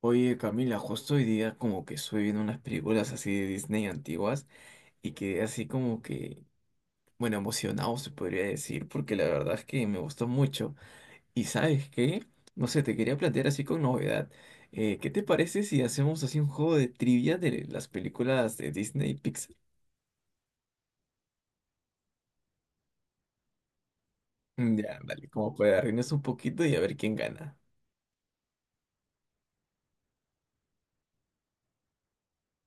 Oye, Camila, justo hoy día como que estuve viendo unas películas así de Disney antiguas y quedé así como que, bueno, emocionado se podría decir, porque la verdad es que me gustó mucho. Y ¿sabes qué? No sé, te quería plantear así con novedad. ¿Qué te parece si hacemos así un juego de trivia de las películas de Disney y Pixar? Mm, ya, dale, como para reírnos un poquito y a ver quién gana.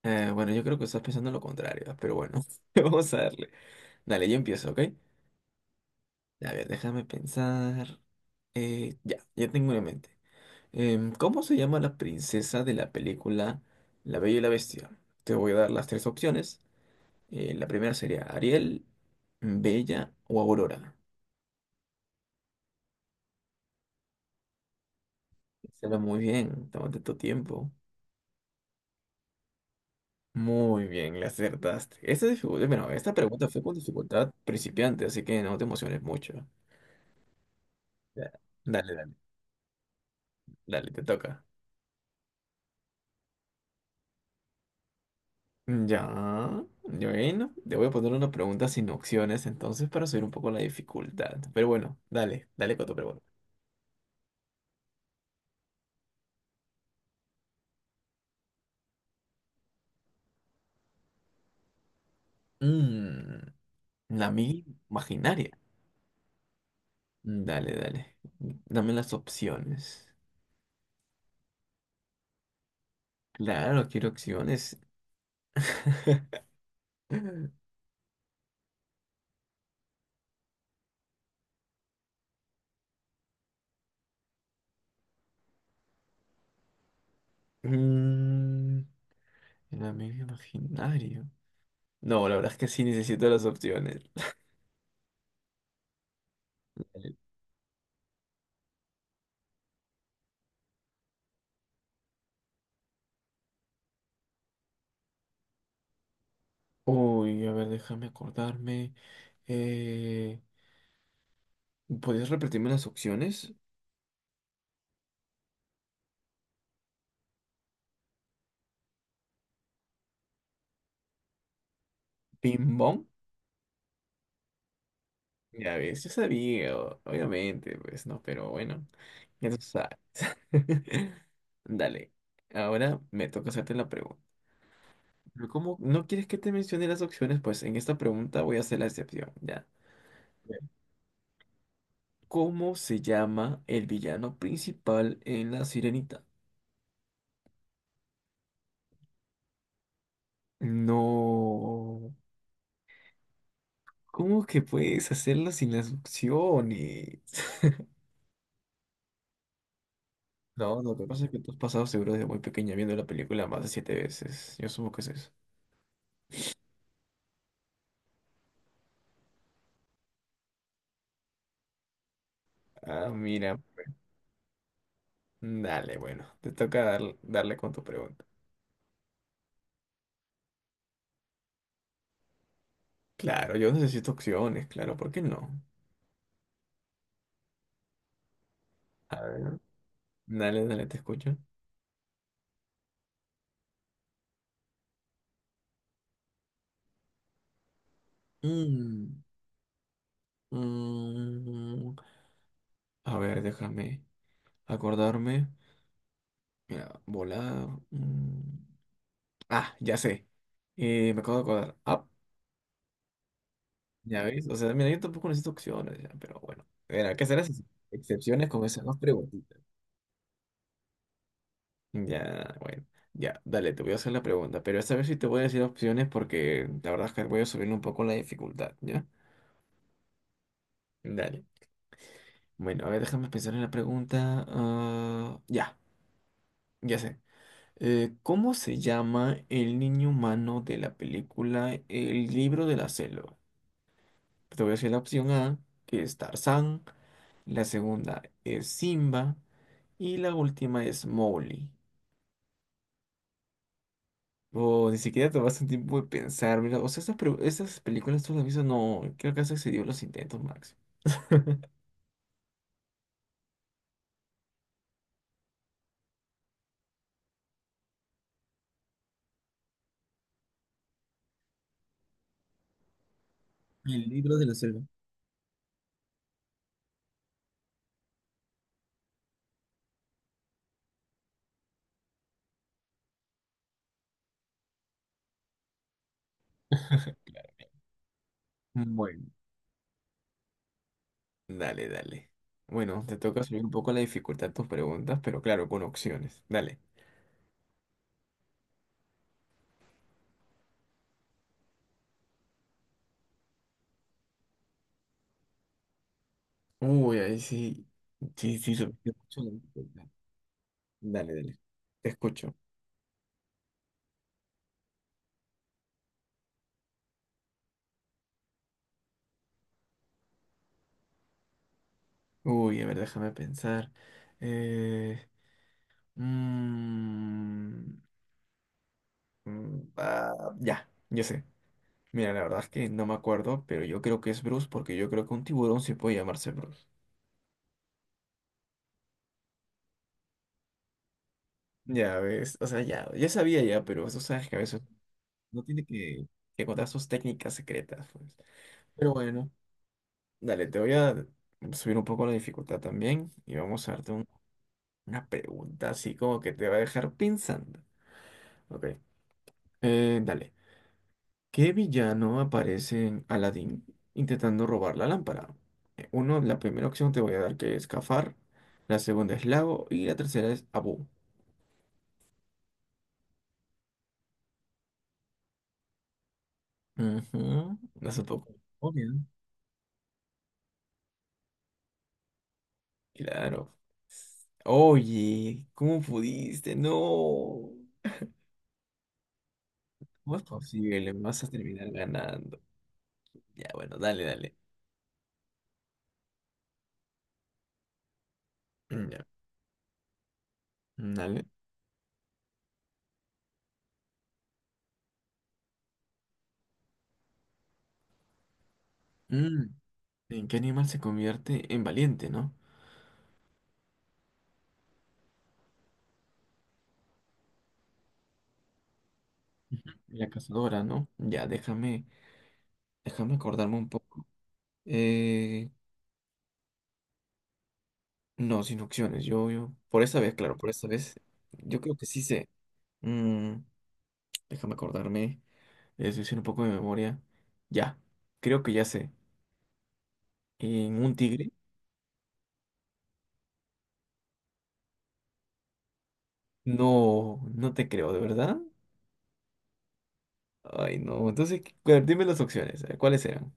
Bueno, yo creo que estás pensando lo contrario, pero bueno, vamos a darle. Dale, yo empiezo, ¿ok? A ver, déjame pensar. Ya, tengo una en mente. ¿Cómo se llama la princesa de la película La Bella y la Bestia? Te voy a dar las tres opciones. La primera sería Ariel, Bella o Aurora. Será muy bien, tómate tu tiempo. Muy bien, le acertaste. Esta dificultad, bueno, esta pregunta fue con dificultad principiante, así que no te emociones mucho. Ya, dale, dale, dale, te toca. Ya, y bueno, te voy a poner una pregunta sin opciones entonces para subir un poco la dificultad. Pero bueno, dale, dale con tu pregunta. Mm, la amiga imaginaria. Mm, dale, dale. Dame las opciones. Claro, quiero opciones. Mm, el amigo imaginario. No, la verdad es que sí necesito las opciones. Uy, a ver, déjame acordarme. Eh, ¿Podrías repetirme las opciones? ¿Ping pong? Ya ves, yo sabía, obviamente, pues no, pero bueno, ya tú sabes. Dale, ahora me toca hacerte la pregunta. Pero como no quieres que te mencione las opciones, pues en esta pregunta voy a hacer la excepción, ya. Bien. ¿Cómo se llama el villano principal en La Sirenita? No, ¿cómo que puedes hacerlo sin las opciones? No, no, lo que pasa es que tú has pasado seguro desde muy pequeña viendo la película más de 7 veces. Yo supongo que es eso. Ah, mira. Dale, bueno, te toca darle con tu pregunta. Claro, yo necesito opciones, claro, ¿por qué no? A ver. Dale, dale, te escucho. Mm, mm, a ver, déjame acordarme. Mira, volar. Mm. Ah, ya sé. Me acabo de acordar. Ah, ya ves. O sea, mira, yo tampoco necesito opciones, ya, pero bueno. Mira, ¿qué serás? Excepciones con esas dos preguntas. Ya, bueno. Ya, dale, te voy a hacer la pregunta, pero esta vez sí te voy a decir opciones porque la verdad es que voy a subir un poco la dificultad, ¿ya? Dale. Bueno, a ver, déjame pensar en la pregunta. Ah, ya, ya sé. ¿Cómo se llama el niño humano de la película El libro de la selva? Te voy a decir la opción A, que es Tarzán, la segunda es Simba y la última es Mowgli. O ni siquiera tomaste un tiempo de pensar, mira, o sea, estas, estas películas tú las has visto, no, creo que has excedido los intentos, Max. El libro de la selva. Bueno, dale, dale. Bueno, te toca subir un poco la dificultad de tus preguntas, pero claro, con opciones. Dale. Uy, ahí sí. Sí, sí, subiste mucho la dificultad. Dale, dale. Te escucho. Uy, a ver, déjame pensar. Eh, mm, ah, ya, yo sé. Mira, la verdad es que no me acuerdo, pero yo creo que es Bruce porque yo creo que un tiburón sí puede llamarse Bruce. Ya ves, o sea, ya, sabía ya, pero tú sabes que a veces no tiene que contar sus técnicas secretas, pues. Pero bueno, dale, te voy a subir un poco la dificultad también y vamos a darte una pregunta así como que te va a dejar pensando. Ok, dale. ¿Qué villano aparece en Aladdin intentando robar la lámpara? Uno, la primera opción te voy a dar que es Cafar, la segunda es Lago y la tercera es Abu. Ujú, hace poco. Obvio. Claro. Oye, ¿cómo pudiste? No. ¿Cómo es posible? Me vas a terminar ganando. Ya, bueno, dale, dale. Mm, ya, mm, dale. Mm, ¿en qué animal se convierte en valiente, no? La cazadora, ¿no? Ya, déjame, acordarme un poco. Eh, No, sin opciones. Yo, por esta vez, claro, por esta vez, yo creo que sí sé. Mm, déjame acordarme, es decir, un poco de memoria. Ya, creo que ya sé. ¿En un tigre? No, no te creo, ¿de verdad? Ay, no. Entonces, dime las opciones. ¿Cuáles eran?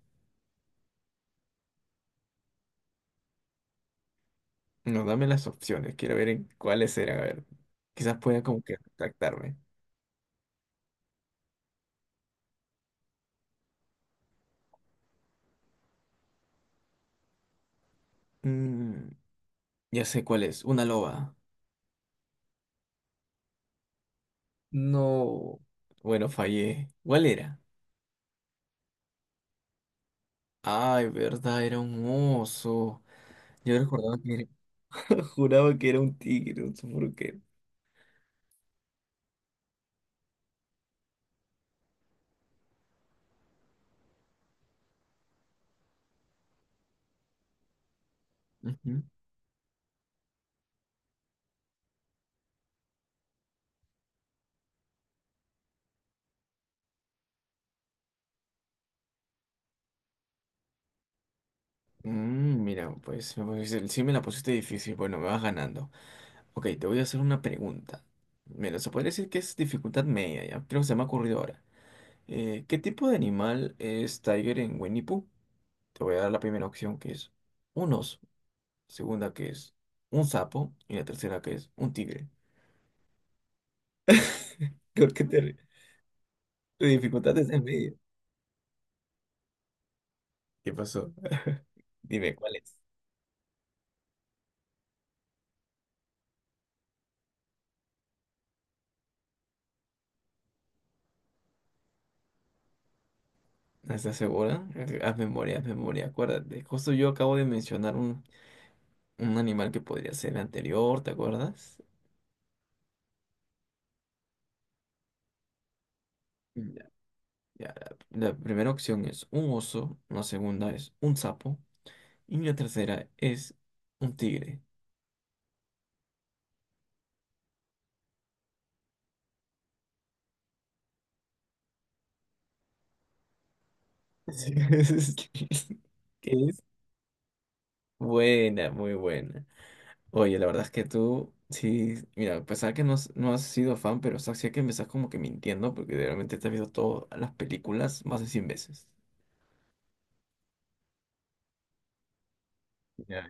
No, dame las opciones. Quiero ver en cuáles eran. A ver, quizás pueda como que retractarme. Mm, ya sé cuál es. Una loba. No. Bueno, fallé. ¿Cuál era? Ay, verdad, era un oso. Yo recordaba que era. Juraba que era un tigre, no sé por qué. Ujú. Mm, mira, pues sí me la pusiste difícil. Bueno, me vas ganando. Ok, te voy a hacer una pregunta. Mira, se podría decir que es dificultad media, ya. Creo que se me ha ocurrido ahora. ¿Qué tipo de animal es Tiger en Winnie Pooh? Te voy a dar la primera opción que es un oso, segunda que es un sapo y la tercera que es un tigre. ¿Por qué te ríes? Tu dificultad es en medio. ¿Qué pasó? Dime, ¿cuál es? ¿Estás segura? Haz memoria, acuérdate. Justo yo acabo de mencionar un animal que podría ser el anterior, ¿te acuerdas? Ya, ya, la primera opción es un oso, la segunda es un sapo y la tercera es un tigre. Así es, que es buena, muy buena. Oye, la verdad es que tú, sí, mira, a pesar que no, no has sido fan, pero o sea, sí hay que empezar como que mintiendo porque realmente te has visto todas las películas más de 100 veces. Ya,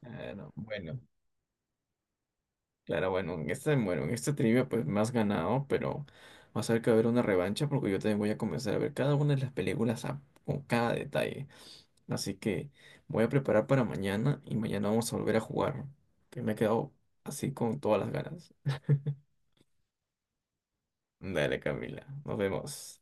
claro, bueno, claro, bueno, en este trivia pues me has ganado, pero va a ser que va a haber una revancha porque yo también voy a comenzar a ver cada una de las películas con cada detalle. Así que voy a preparar para mañana y mañana vamos a volver a jugar, que me he quedado así con todas las ganas. Dale, Camila, nos vemos.